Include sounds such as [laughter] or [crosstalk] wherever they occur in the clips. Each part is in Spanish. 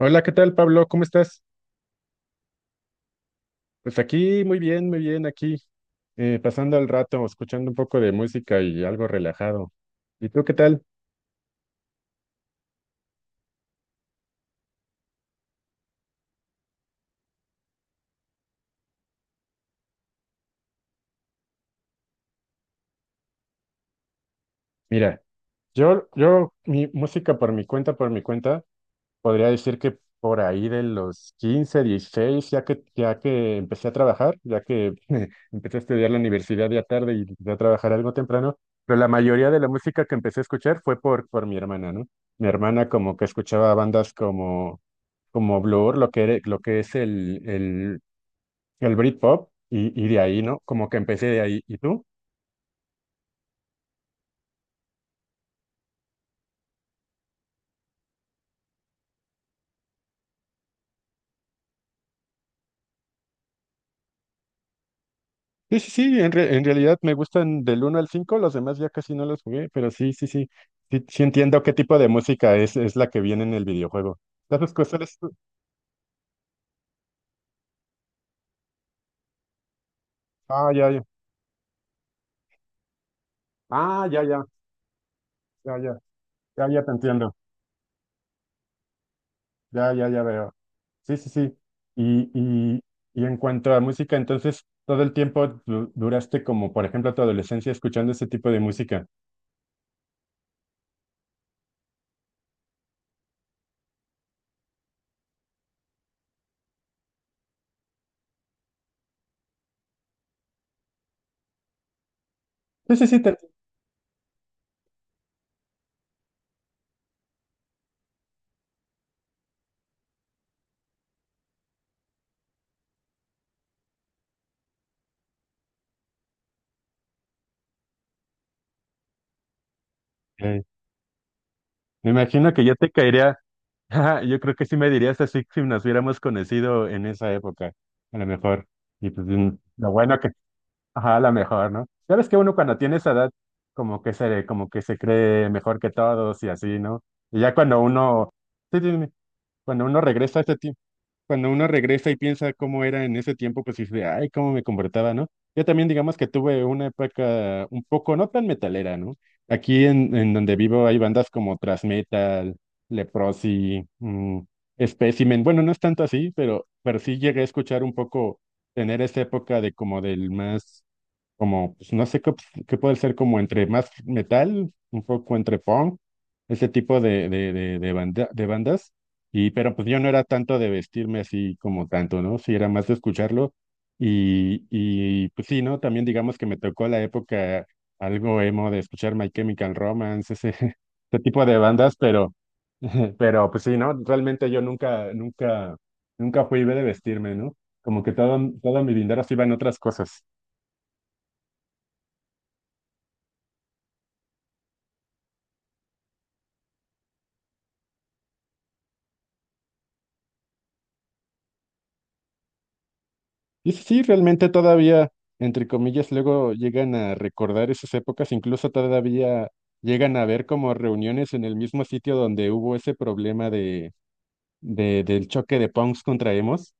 Hola, ¿qué tal, Pablo? ¿Cómo estás? Pues aquí, muy bien, aquí, pasando el rato, escuchando un poco de música y algo relajado. ¿Y tú qué tal? Mira, mi música por mi cuenta, podría decir que por ahí de los 15, 16, ya que empecé a trabajar, ya que [laughs] empecé a estudiar la universidad ya tarde y empecé a trabajar algo temprano, pero la mayoría de la música que empecé a escuchar fue por mi hermana, ¿no? Mi hermana como que escuchaba bandas como Blur, lo que es el Britpop, y de ahí, ¿no? Como que empecé de ahí. ¿Y tú? Sí, sí, sí, en realidad me gustan del uno al cinco, los demás ya casi no los jugué, pero sí, sí, sí, sí, sí entiendo qué tipo de música es la que viene en el videojuego. ¿Sabes cosas? Ah, ya, ya. Ah, ya, ya, ya, ya, ya, ya te entiendo. Ya, ya, ya veo. Sí, sí, sí. Y, y, y en cuanto a música, entonces, todo el tiempo duraste como, por ejemplo, tu adolescencia escuchando ese tipo de música. Sí, sí, sí, te entiendo. Eh, Me imagino que yo te caería, [laughs] ajá, yo creo que sí me dirías así si nos hubiéramos conocido en esa época, a lo mejor. Y pues lo bueno que, ajá, a lo mejor, ¿no? Sabes que uno cuando tiene esa edad, como que como que se cree mejor que todos y así, ¿no? Y ya cuando uno, sí, sí, cuando uno regresa a ese tiempo, cuando uno regresa y piensa cómo era en ese tiempo, pues dice, ay, cómo me comportaba, ¿no? Yo también, digamos que tuve una época un poco no tan metalera, ¿no? Aquí en donde vivo hay bandas como Thrash Metal, Leprosy, Specimen. Bueno, no es tanto así, pero sí llegué a escuchar un poco, tener esa época de como del más como, pues no sé qué, qué puede ser como entre más metal, un poco entre punk, ese tipo de bandas. Y, pero pues yo no era tanto de vestirme así como tanto, ¿no? Sí, era más de escucharlo. Y pues sí, ¿no? También digamos que me tocó la época algo emo de escuchar My Chemical Romance, ese, [laughs] ese tipo de bandas, pero, [laughs] pero pues sí, ¿no? Realmente yo nunca, nunca, nunca fui de vestirme, ¿no? Como que todo mi dinero se iba en otras cosas. Y sí, sí, realmente todavía, entre comillas, luego llegan a recordar esas épocas, incluso todavía llegan a ver como reuniones en el mismo sitio donde hubo ese problema del choque de punks contra emos.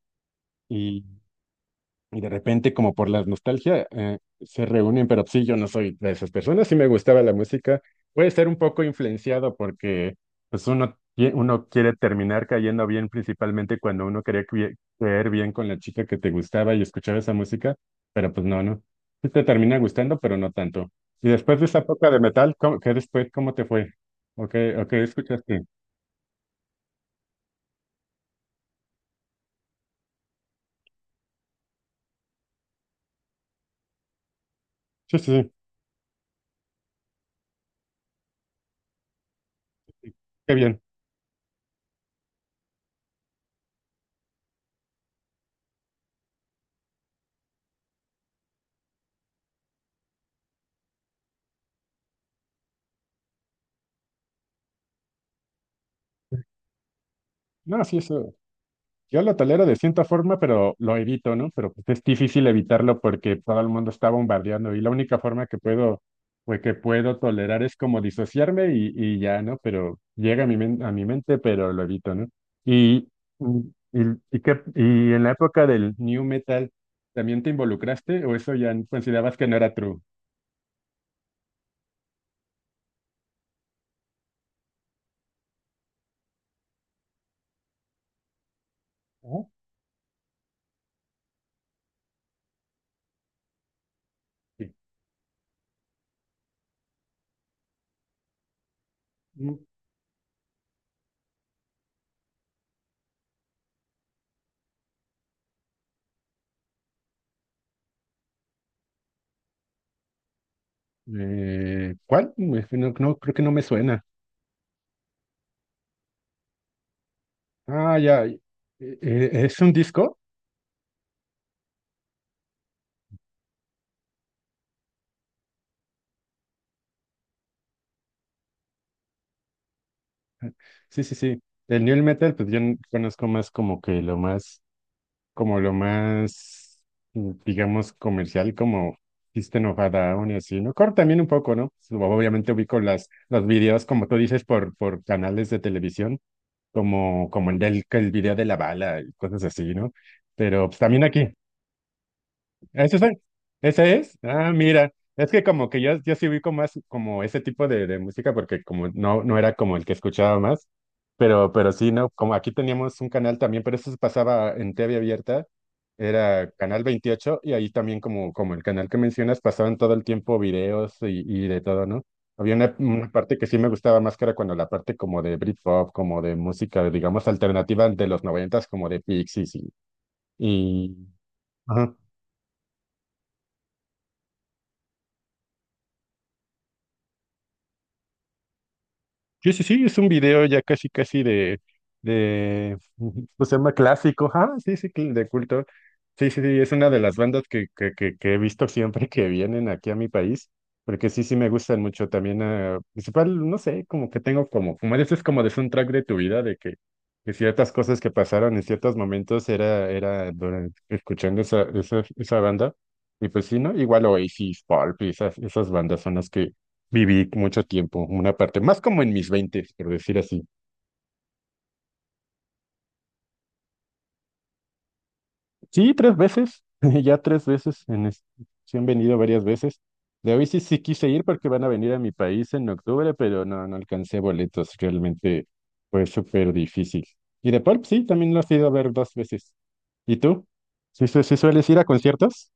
Y de repente, como por la nostalgia, se reúnen, pero sí, yo no soy de esas personas, sí me gustaba la música. Puede ser un poco influenciado porque pues uno, uno quiere terminar cayendo bien, principalmente cuando uno quería caer bien con la chica que te gustaba y escuchaba esa música, pero pues no, no. Sí te termina gustando, pero no tanto. Y después de esa época de metal, ¿cómo, qué después, cómo te fue? O qué escuchaste? Sí, sí, sí, qué bien. No, sí, eso. Yo lo tolero de cierta forma, pero lo evito, ¿no? Pero pues, es difícil evitarlo porque todo el mundo está bombardeando y la única forma que puedo, pues que puedo tolerar es como disociarme y ya, ¿no? Pero llega a mi mente, pero lo evito, ¿no? Y, y, y en la época del New Metal, ¿también te involucraste o eso ya considerabas que no era true? Ah, sí. Mm, ¿Cuál? No, no, creo que no me suena. Ah, ya. ¿Es un disco? Sí, sí, sí. El new metal, pues yo conozco más como que lo más, como lo más, digamos, comercial, como System of a Down y así, ¿no? Core también un poco, ¿no? Obviamente ubico los videos, como tú dices, por canales de televisión, como el del, que el video de la bala y cosas así, ¿no? Pero pues también aquí, ¿ese es? ¿Ese es? Ah, mira, es que como que yo sí vi como, más como ese tipo de música porque como no era como el que escuchaba más, pero sí, ¿no? Como aquí teníamos un canal también, pero eso se pasaba en TV abierta, era Canal 28 y ahí también como, como el canal que mencionas pasaban todo el tiempo videos y de todo, ¿no? Había una parte que sí me gustaba más que era cuando la parte como de Britpop, como de música, digamos, alternativa de los noventas, como de Pixies. Y... ajá. Sí, sí, sí, es un video ya casi, casi de, [laughs] pues se llama clásico, ah, sí, sí, de culto. Sí, sí, sí, es una de las bandas que he visto siempre que vienen aquí a mi país, porque sí, sí me gustan mucho también, ah, principal, no sé, como que tengo como, como dices, como de soundtrack de tu vida, de que ciertas cosas que pasaron en ciertos momentos era escuchando esa banda, y pues sí, ¿no? Igual Oasis, Pulp, y esas bandas son las que viví mucho tiempo, una parte, más como en mis veintes, por decir así. Sí, tres veces, [laughs] ya tres veces, sí han venido varias veces. De hoy sí, sí quise ir porque van a venir a mi país en octubre, pero no alcancé boletos, realmente fue súper difícil. Y de pop, sí, también lo has ido a ver dos veces. ¿Y tú? ¿Sí, sí sueles ir a conciertos?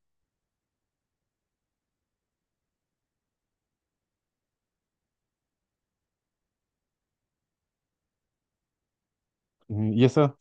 ¿Y eso?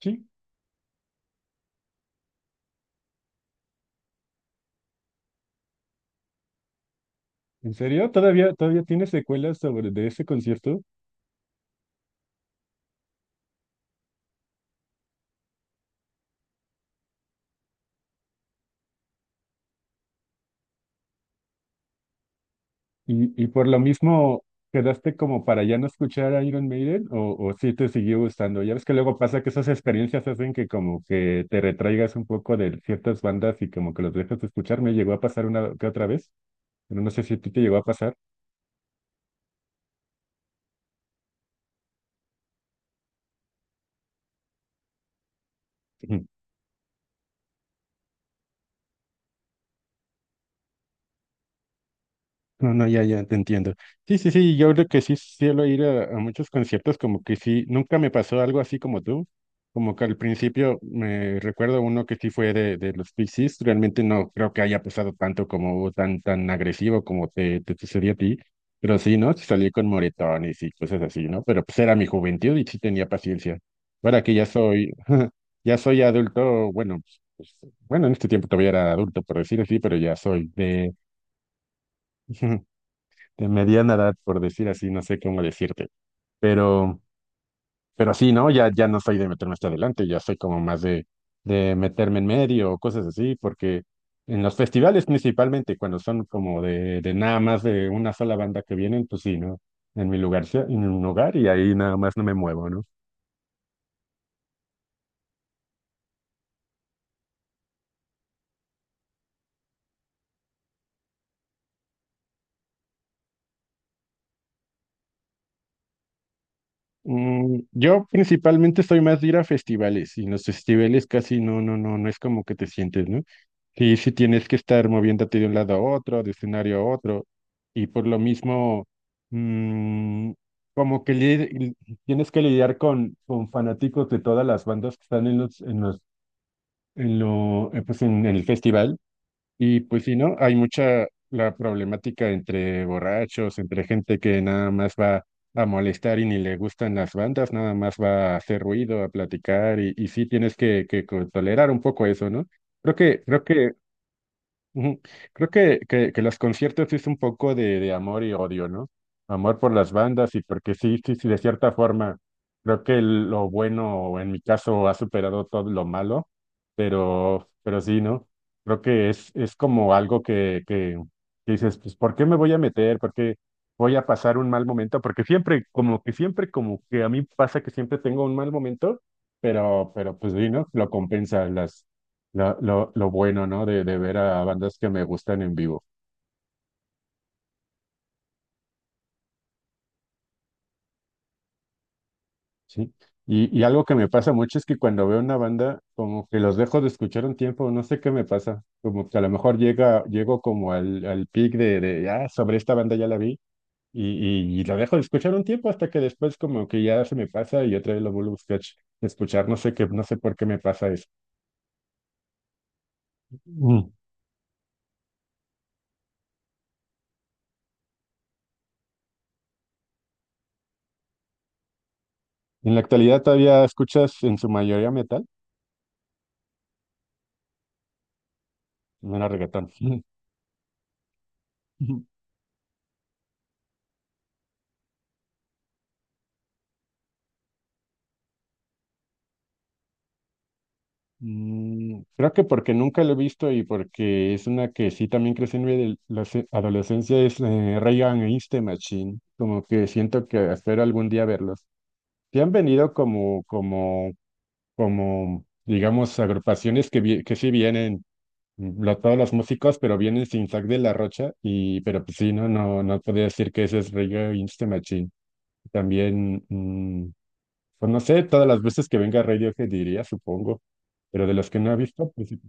Sí, ¿en serio? Todavía tienes secuelas sobre de ese concierto? Y por lo mismo, ¿quedaste como para ya no escuchar a Iron Maiden o sí te siguió gustando? Ya ves que luego pasa que esas experiencias hacen que como que te retraigas un poco de ciertas bandas y como que los dejas de escuchar. Me llegó a pasar una que otra vez, pero no sé si a ti te llegó a pasar. No, no, ya, ya, te entiendo. Sí, sí, sí, yo creo que sí suelo ir a muchos conciertos, como que sí, nunca me pasó algo así como tú, como que al principio me recuerdo uno que sí fue de los Pixies, realmente no creo que haya pasado tanto como tan, tan agresivo como te sucedió a ti, pero sí, ¿no? Sí salí con moretones y cosas así, ¿no? Pero pues era mi juventud y sí tenía paciencia. Ahora que ya soy, [laughs] ya soy adulto, bueno, pues, bueno, en este tiempo todavía era adulto, por decir así, pero ya soy de... [laughs] de mediana edad, por decir así, no sé cómo decirte. Pero, pero sí, ¿no? Ya, ya no soy de meterme hasta adelante, ya soy como más de meterme en medio o cosas así, porque en los festivales principalmente, cuando son como de nada más de una sola banda que vienen, pues sí, ¿no? En mi lugar, sí, en un lugar y ahí nada más no me muevo, ¿no? Yo principalmente soy más de ir a festivales y en los festivales casi no es como que te sientes, ¿no? Sí, sí tienes que estar moviéndote de un lado a otro, de escenario a otro y por lo mismo mm, como que tienes que lidiar con fanáticos de todas las bandas que están en los, pues en el festival y pues sí, ¿no? Hay mucha la problemática entre borrachos, entre gente que nada más va a molestar y ni le gustan las bandas, nada más va a hacer ruido, a platicar, y sí tienes que tolerar un poco eso, ¿no? Creo que Ujú. Creo que los conciertos es un poco de amor y odio, ¿no? Amor por las bandas y porque sí, sí, sí, de cierta forma, creo que lo bueno, en mi caso, ha superado todo lo malo, pero sí, ¿no? Creo que es como algo que dices, pues, ¿por qué me voy a meter? ¿Por qué voy a pasar un mal momento? Porque siempre, como que a mí pasa que siempre tengo un mal momento, pero pues sí, ¿no? Lo compensa lo bueno, ¿no? De ver a bandas que me gustan en vivo, ¿sí? Y algo que me pasa mucho es que cuando veo una banda, como que los dejo de escuchar un tiempo, no sé qué me pasa, como que a lo mejor llega, llego como al peak sobre esta banda ya la vi, y lo dejo de escuchar un tiempo hasta que después como que ya se me pasa y otra vez lo vuelvo a escuchar, no sé qué, no sé por qué me pasa eso. Mm. En la actualidad todavía escuchas en su mayoría metal, no era reggaetón. [laughs] Creo que porque nunca lo he visto y porque es una que sí también crecí en mi adolescencia, es Rey Against the Machine. Como que siento que espero algún día verlos. Sí han venido como, digamos, agrupaciones que sí vienen, todos los músicos, pero vienen sin Zack de la Rocha. Y, pero pues sí, no podría decir que ese es Rey Against the Machine. También, pues no sé, todas las veces que venga Radiohead diría, supongo. Pero de los que no he visto, pues sí.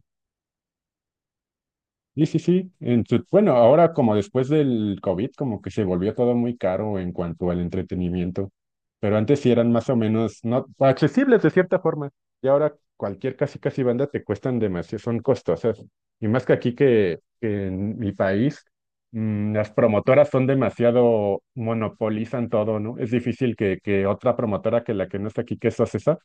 Sí, sí, sí. Bueno, ahora como después del COVID, como que se volvió todo muy caro en cuanto al entretenimiento, pero antes sí eran más o menos no accesibles de cierta forma. Y ahora cualquier casi casi banda te cuestan demasiado, son costosas. Y más que aquí que en mi país, las promotoras son demasiado, monopolizan todo, ¿no? Es difícil que otra promotora que la que no está aquí, que es Ocesa,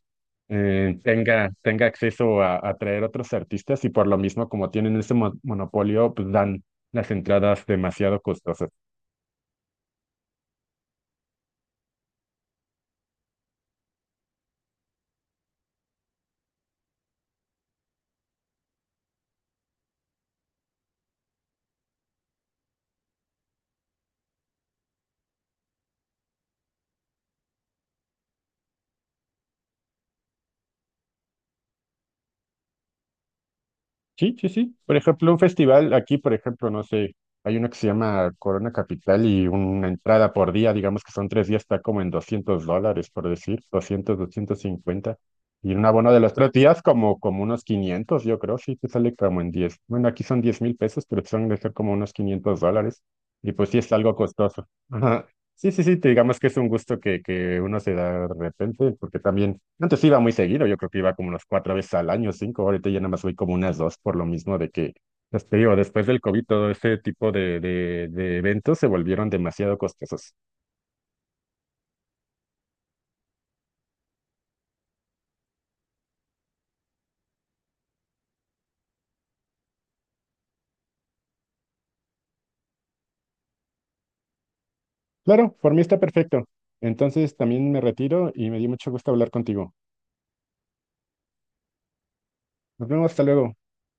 tenga, tenga acceso a traer otros artistas y por lo mismo, como tienen ese monopolio, pues dan las entradas demasiado costosas. Sí, sí, sí. Por ejemplo, un festival aquí, por ejemplo, no sé, hay uno que se llama Corona Capital y una entrada por día, digamos que son 3 días, está como en $200, por decir, 200 250. Y un abono de los 3 días como, como unos 500 yo creo, sí, te sale como en 10. Bueno, aquí son 10,000 pesos, pero son de ser como unos $500. Y pues sí es algo costoso. [laughs] Sí, sí, sí, te digamos que es un gusto que uno se da de repente, porque también antes iba muy seguido, yo creo que iba como unas cuatro veces al año, cinco, ahorita ya nada más voy como unas dos, por lo mismo de que, pues te digo, después del COVID todo este tipo de eventos se volvieron demasiado costosos. Claro, por mí está perfecto. Entonces también me retiro y me dio mucho gusto hablar contigo. Nos vemos, hasta luego.